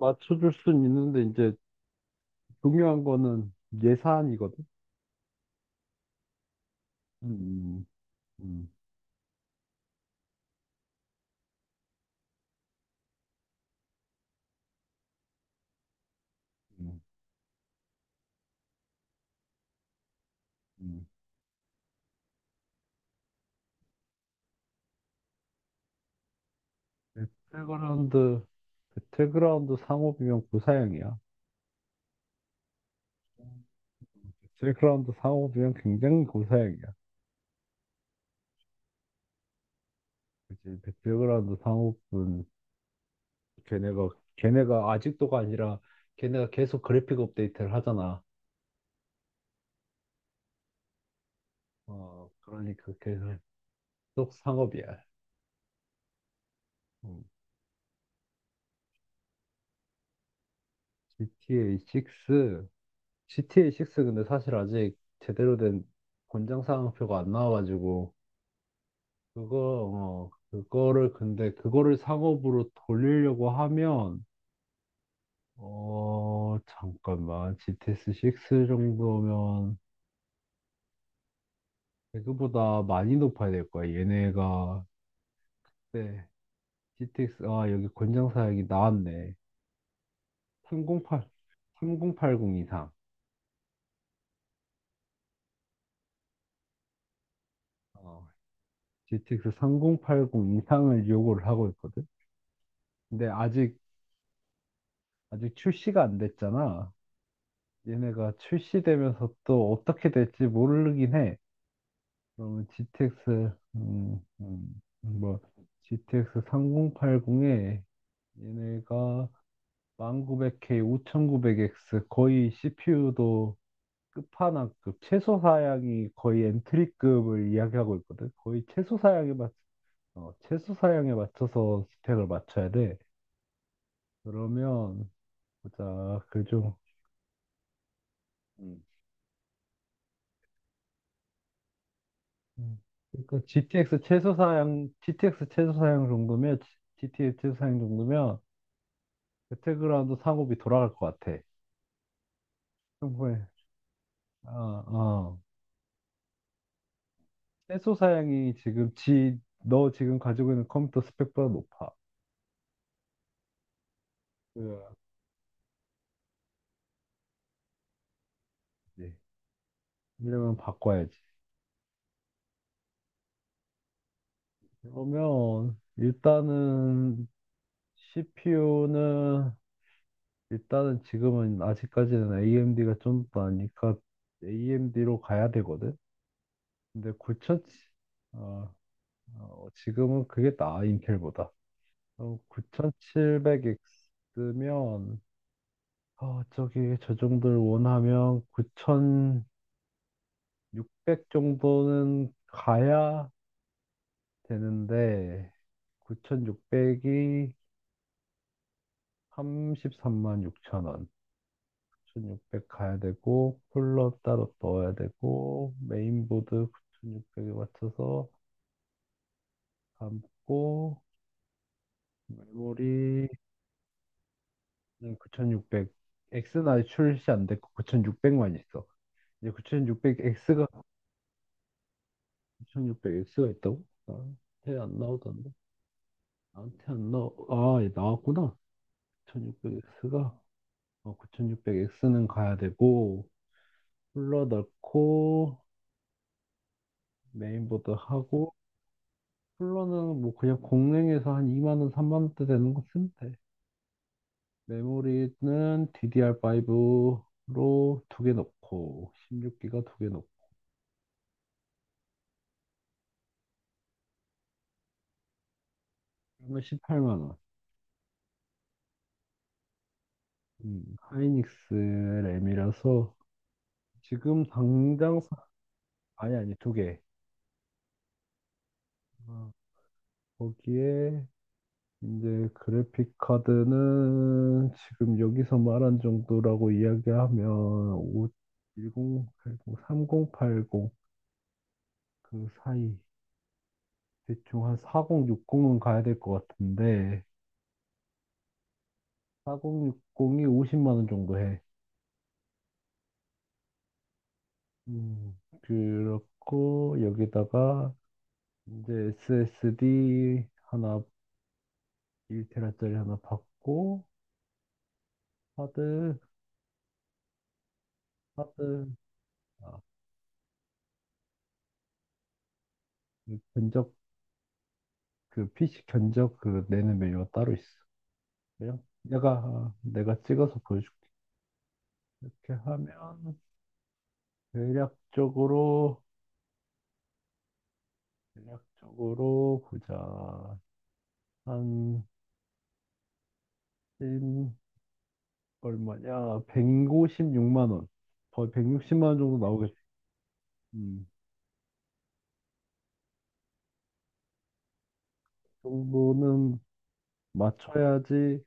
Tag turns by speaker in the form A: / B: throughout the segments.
A: 맞춰줄 순 있는데 이제 중요한 거는 예산이거든. 음, 음, 음, 음. 배틀그라운드 배틀그라운드 상업이면 고사양이야. 배틀그라운드 상업이면 굉장히 고사양이야. 그치? 배틀그라운드 상업은 걔네가 걔네가 아직도가 아니라 걔네가 계속 그래픽 업데이트를 하잖아. 그러니까 계속 상업이야. 음. GTA 6 GTA 6 근데 사실 아직 제대로 된 권장 사항표가 안 나와가지고 그거를 근데 그거를 상업으로 돌리려고 하면 잠깐만 GTS 6 정도면 배그보다 많이 높아야 될 거야 얘네가. 네. GTX 여기 권장 사양이 나왔네. 308 3080 이상. 어 GTX 3080 이상을 요구를 하고 있거든. 근데 아직 출시가 안 됐잖아. 얘네가 출시되면서 또 어떻게 될지 모르긴 해. 그러면 GTX, 뭐, GTX 3080에 얘네가 1900K, 5900X 거의 CPU도 끝판왕급, 최소 사양이 거의 엔트리급을 이야기하고 있거든. 거의 최소 사양에 맞춰서 스펙을 맞춰야 돼. 그러면 보자, 그좀. 음. 그러니까 GTX 최소 사양 정도면 배틀그라운드 상업이 돌아갈 것 같아. 충분히. 어, 어. 최소 사양이 지금 지, 너 지금 가지고 있는 컴퓨터 스펙보다 높아. 그, 네. 이러면 바꿔야지. 그러면 일단은 CPU는 일단은 지금은 아직까지는 AMD가 좀 더 나니까 AMD로 가야 되거든. 근데 지금은 그게 나아 인텔보다. 9700X면 저기 저 정도를 원하면 9600 정도는 가야 되는데 9600이 33만 0천 원. 9600 가야 되고 쿨러 따로 넣어야 되고 메인보드 9600에 맞춰서 담고 메모리, 9600 X나 출시 안 됐고 9600만 있어. 이제 9600 X가 있다고? 나한테 안 나오던데. 나한테 안 나오. 아, 얘 나왔구나. 9600 X가. 9600 X는 가야 되고 쿨러 넣고 메인보드 하고. 쿨러는 뭐 그냥 공랭에서 한 2만 원, 3만 원대 되는 거 쓰면 돼. 메모리는 DDR5로 두 개 넣고 16기가 두 개 넣고 그러면 18만 원. 하이닉스 램이라서 지금 당장 아니, 아니, 두 개. 어, 거기에 이제 그래픽 카드는 지금 여기서 말한 정도라고 이야기하면 오 1080, 3080 그 사이. 대충 한 4060은 가야 될 것 같은데, 4060이 50만 원 정도 해. 음, 그렇고 여기다가 이제 SSD 하나 1테라짜리 하나 받고 하드 하드. 아, 그 견적. 그 PC 견적 그 내는 메뉴가 따로 있어. 그냥 내가 찍어서 보여줄게. 이렇게 하면 대략적으로 대략적으로 보자. 한, 음, 얼마냐? 1십6만 원. 거의 160만 원 정도 나오겠지. 음, 그 정도는 맞춰야지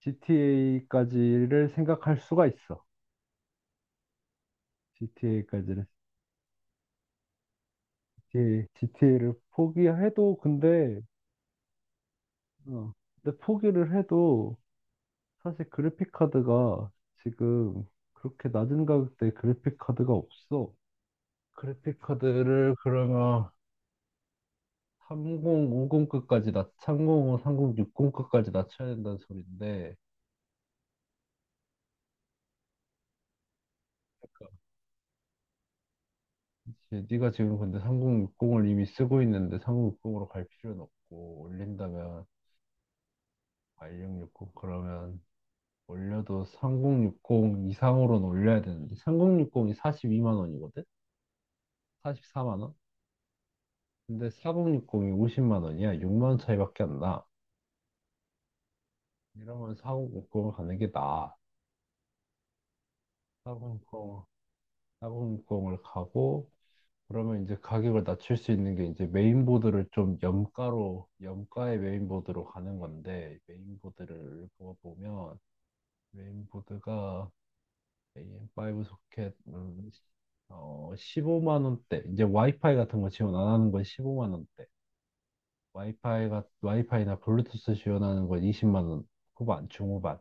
A: GTA까지를 생각할 수가 있어. GTA까지를 GTA를 포기해도 근데, 어, 근데 포기를 해도 사실 그래픽 카드가 지금 그렇게 낮은 가격대 그래픽 카드가 없어. 그래픽 카드를 그러면 3050, 6 0급까지 낮춰야 된다는 소리인데. 그러니까 이제 네가 지금 근데 3060을 이미 쓰고 있는데 3060으로 갈 필요는 없고, 올린다면 1660. 그러면 올려도 3060 이상으로는 올려야 되는데 3060이 42만 원이거든? 44만 원? 근데 4060이 50만 원이야. 6만 원 차이밖에 안 나. 이러면 4060을 가는 게 나아. 4060, 4 6 0을 가고 그러면 이제 가격을 낮출 수 있는 게 이제 메인보드를 좀 염가로 염가의 메인보드로 가는 건데, 메인보드를 보면 메인보드가 AM5 소켓. 15만 원대. 이제 와이파이 같은 거 지원 안 하는 건 15만 원대. 와이파이가 와이파이나 블루투스 지원하는 건 20만 원 후반, 중후반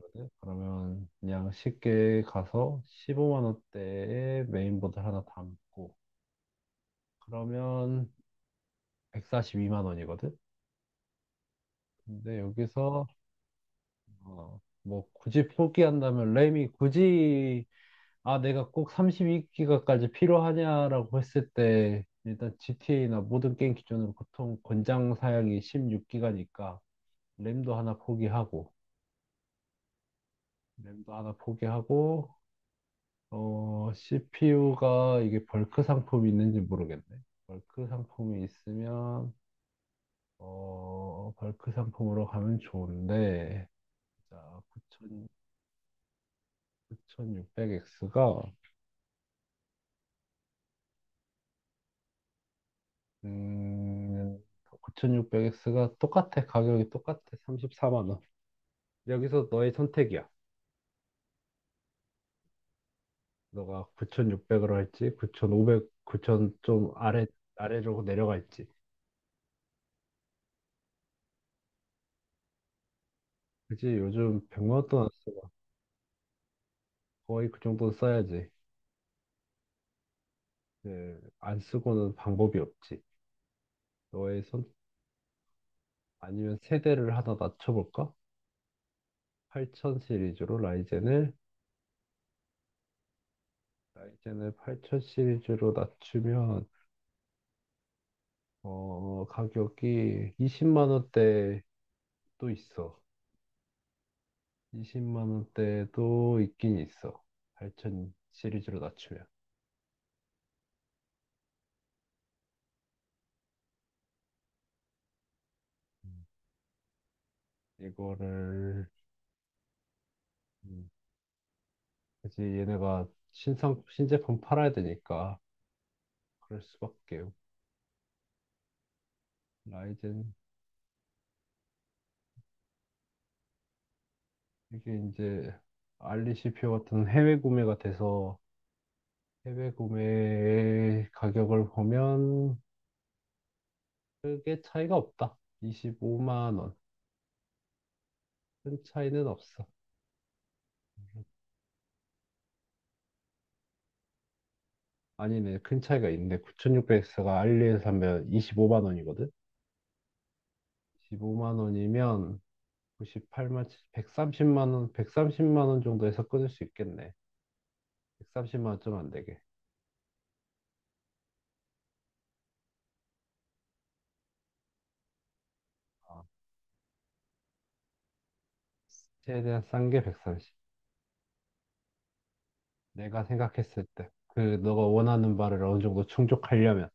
A: 거든. 그러면 그냥 쉽게 가서 15만 원대에 메인보드 하나 담고 그러면 142만 원이거든. 근데 여기서 뭐 굳이 포기한다면 램이 굳이, 아, 내가 꼭 32기가까지 필요하냐라고 했을 때, 일단 GTA나 모든 게임 기준으로 보통 권장 사양이 16기가니까, 램도 하나 포기하고, 램도 하나 포기하고, CPU가 이게 벌크 상품이 있는지 모르겠네. 벌크 상품이 있으면, 벌크 상품으로 가면 좋은데. 자, 9600X가 음, 9600X가 똑같아. 가격이 똑같아. 34만 원. 여기서 너의 선택이야. 너가 9600으로 할지, 9500, 9000 좀 아래로 내려갈지. 그치, 요즘 100만 원 동안 안 쓰고 거의 그 정도는 써야지. 예, 안 쓰고는 방법이 없지. 너의 선, 아니면 세대를 하나 낮춰볼까? 8000 시리즈로 라이젠을 8000 시리즈로 낮추면, 가격이 이십만 원대 또 있어. 20만 원대도 있긴 있어. 8000 시리즈로 낮추면. 음. 이거를, 음, 그 얘네가 신제품 팔아야 되니까, 그럴 수밖에. 라이젠, 이게 이제, 알리 CPU 같은 해외 구매가 돼서, 해외 구매 가격을 보면, 크게 차이가 없다. 25만 원. 큰 차이는 없어. 아니네, 큰 차이가 있네. 9600X가 알리에서 사면 25만 원이거든? 15만 원이면 98만, 130만 원 정도에서 끊을 수 있겠네. 130만 원 좀 안 되게. 어, 최대한 싼 게 130. 내가 생각했을 때. 너가 원하는 바를 어느 정도 충족하려면.